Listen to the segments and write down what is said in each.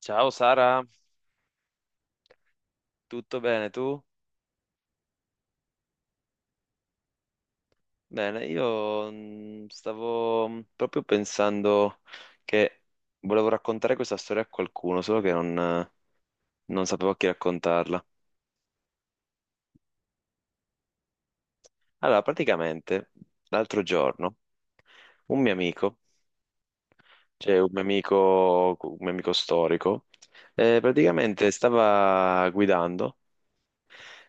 Ciao Sara, tutto bene tu? Bene, io stavo proprio pensando che volevo raccontare questa storia a qualcuno, solo che non, non sapevo a chi raccontarla. Allora, praticamente l'altro giorno un mio amico, cioè un mio amico storico, praticamente stava guidando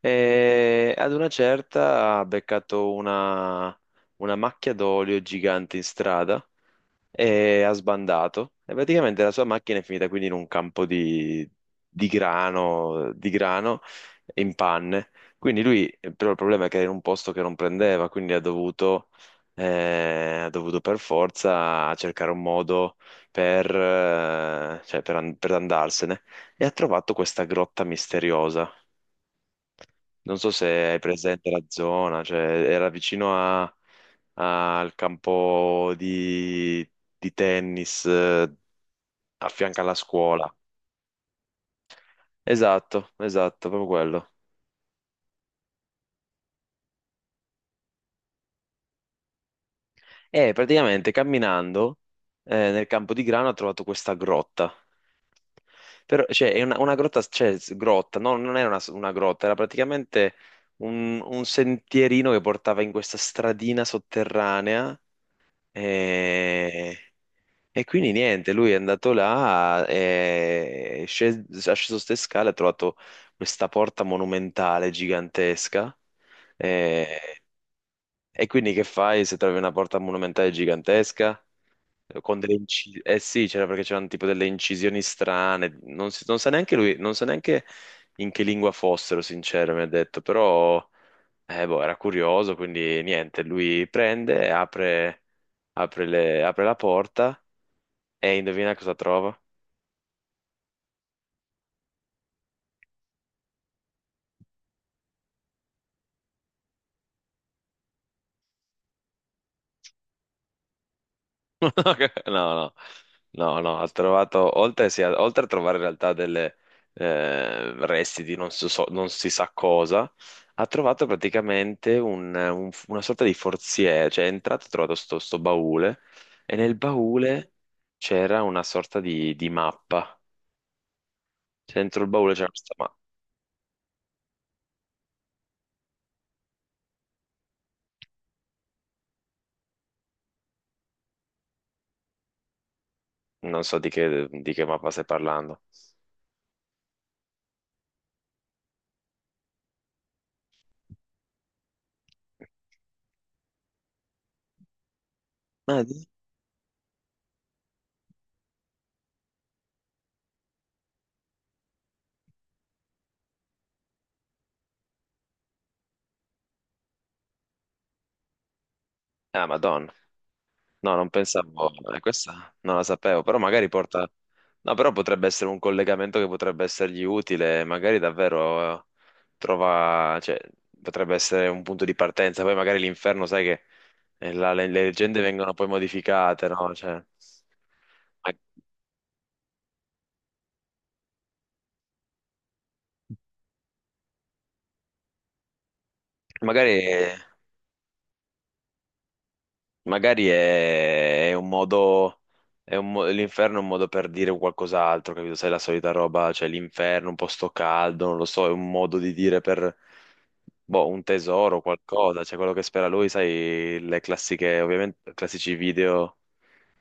e ad una certa ha beccato una macchia d'olio gigante in strada e ha sbandato e praticamente la sua macchina è finita quindi in un campo di grano in panne. Quindi lui, però il problema è che era in un posto che non prendeva, quindi ha dovuto per forza cercare un modo per, cioè per andarsene e ha trovato questa grotta misteriosa, non so se hai presente la zona, cioè era vicino al campo di tennis, a fianco alla scuola. Esatto, esatto, proprio quello. E praticamente camminando, nel campo di grano ho trovato questa grotta. Però, cioè, è una grotta, cioè, s- grotta, no, non era una grotta, era praticamente un sentierino che portava in questa stradina sotterranea. E E quindi niente, lui è andato là, è sceso ste scale, ha trovato questa porta monumentale gigantesca. eh, E quindi che fai se trovi una porta monumentale gigantesca? Con delle incisioni, eh sì, c'era perché c'erano tipo delle incisioni strane, non sa neanche lui, non sa neanche in che lingua fossero, sincero, mi ha detto, però boh, era curioso, quindi niente, lui prende, apre, apre la porta e indovina cosa trova? No, no, no, no, ha trovato, oltre, sì, oltre a trovare in realtà delle resti di non, so- so- non si sa cosa, ha trovato praticamente una sorta di forziere, cioè è entrato e ha trovato sto baule e nel baule c'era una sorta di mappa. Cioè, dentro il baule c'era questa mappa, non so di di che mappa stai parlando. Ah, di- ah, Madonna. No, non pensavo, questa non la sapevo, però magari porta... No, però potrebbe essere un collegamento che potrebbe essergli utile, magari davvero, trova, cioè, potrebbe essere un punto di partenza, poi magari l'inferno, sai che, le leggende vengono poi modificate, no? Cioè, ma- magari... Magari è un modo, è l'inferno è un modo per dire qualcos'altro, capito? Sai, la solita roba, cioè l'inferno, un posto caldo, non lo so, è un modo di dire per, boh, un tesoro, qualcosa, cioè quello che spera lui, sai, le classiche, ovviamente, classici video,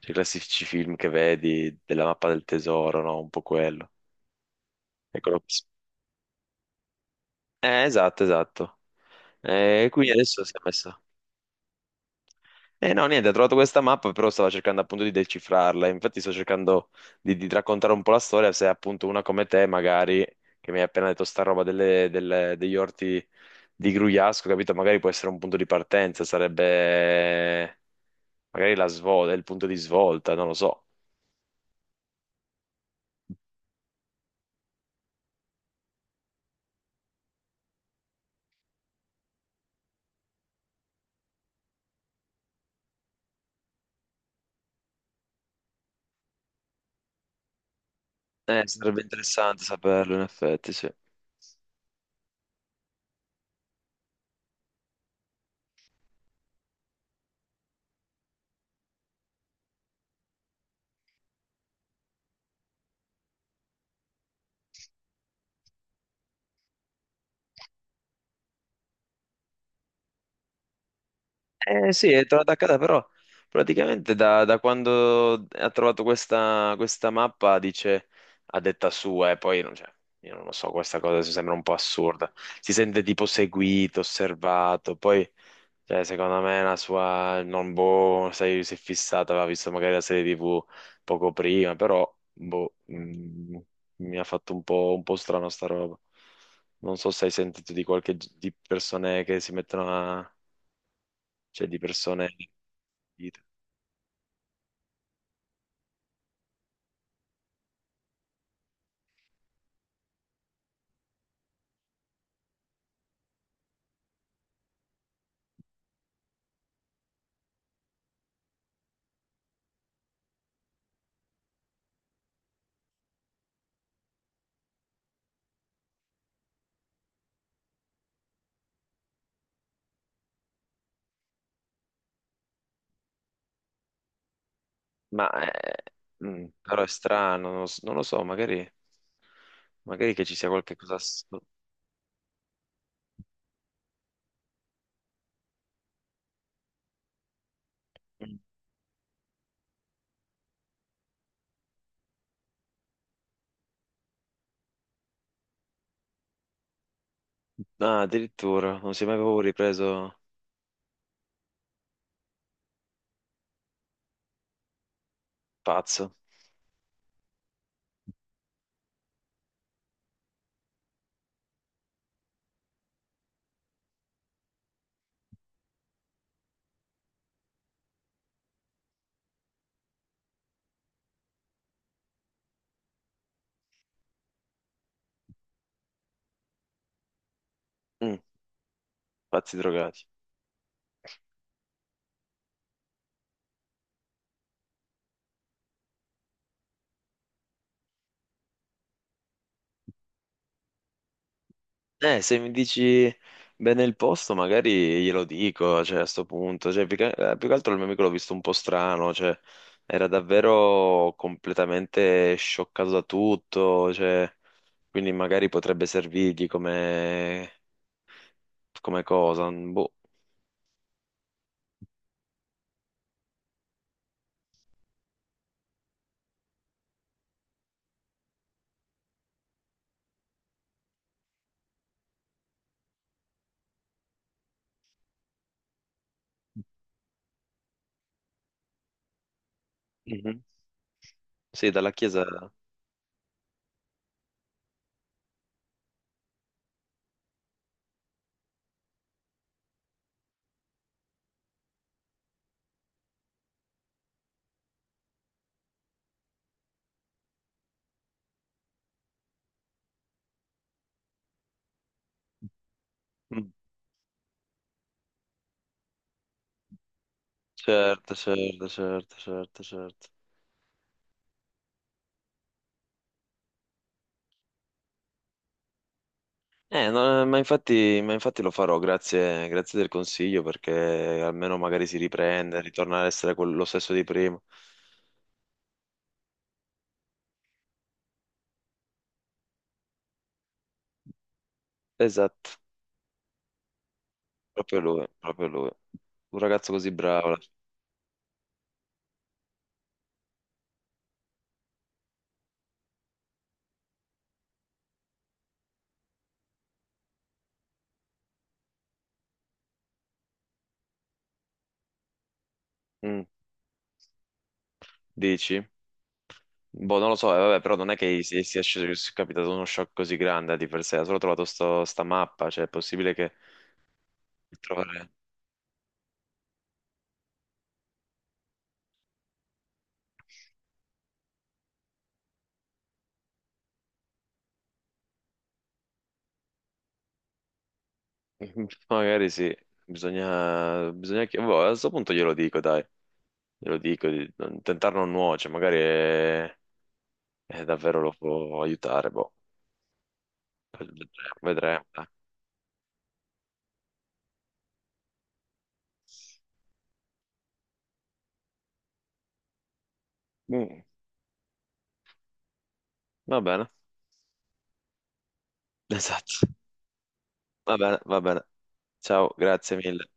cioè, i classici film che vedi della mappa del tesoro, no? Un po' quello. È quello che s- esatto, esatto. E quindi adesso si è messo. Eh no, niente, ho trovato questa mappa, però stavo cercando appunto di decifrarla. Infatti sto cercando di raccontare un po' la storia, se appunto una come te, magari, che mi hai appena detto sta roba degli orti di Grugliasco, capito? Magari può essere un punto di partenza, sarebbe magari la svolta, il punto di svolta, non lo so. Sarebbe interessante saperlo, in effetti, sì. Eh sì, è tornato a casa, però praticamente da quando ha trovato questa mappa dice, a detta sua, e poi cioè, io non lo so, questa cosa mi sembra un po' assurda. Si sente tipo seguito, osservato, poi cioè, secondo me la sua non boh, sai, si è fissata, aveva visto magari la serie TV poco prima, però boh, mi ha fatto un po' strano sta roba. Non so se hai sentito di qualche di persone che si mettono a... Cioè, di persone. Dite. Ma eh, però è strano, non lo so, magari, magari che ci sia qualche cosa. Mm. Ah, addirittura, non si è mai proprio ripreso pazzo. Mm, pazzi drogati. Se mi dici bene il posto, magari glielo dico, cioè, a sto punto. Cioè, più che altro il mio amico l'ho visto un po' strano, cioè, era davvero completamente scioccato da tutto, cioè, quindi magari potrebbe servirgli come, come cosa, boh. Mhm. Sì, dalla chiesa. Mm. Certo, certo, certo, certo, certo. No, ma infatti lo farò, grazie, grazie del consiglio, perché almeno magari si riprende, ritorna ad essere quello stesso di prima. Esatto, proprio lui, proprio lui. Un ragazzo così bravo. Mm, dici? Boh, non lo so, vabbè, però non è che si sia sceso, sia capitato uno shock così grande di per sé, ha solo trovato sta mappa, cioè è possibile che trovare... Magari sì, bisogna, bisogna che... boh, a questo punto glielo dico, dai, glielo dico, di non- tentare non nuoce, magari davvero lo può aiutare, boh, vedremo, vedremo. Dai. Mm, va bene. Esatto, va bene, va bene. Ciao, grazie mille.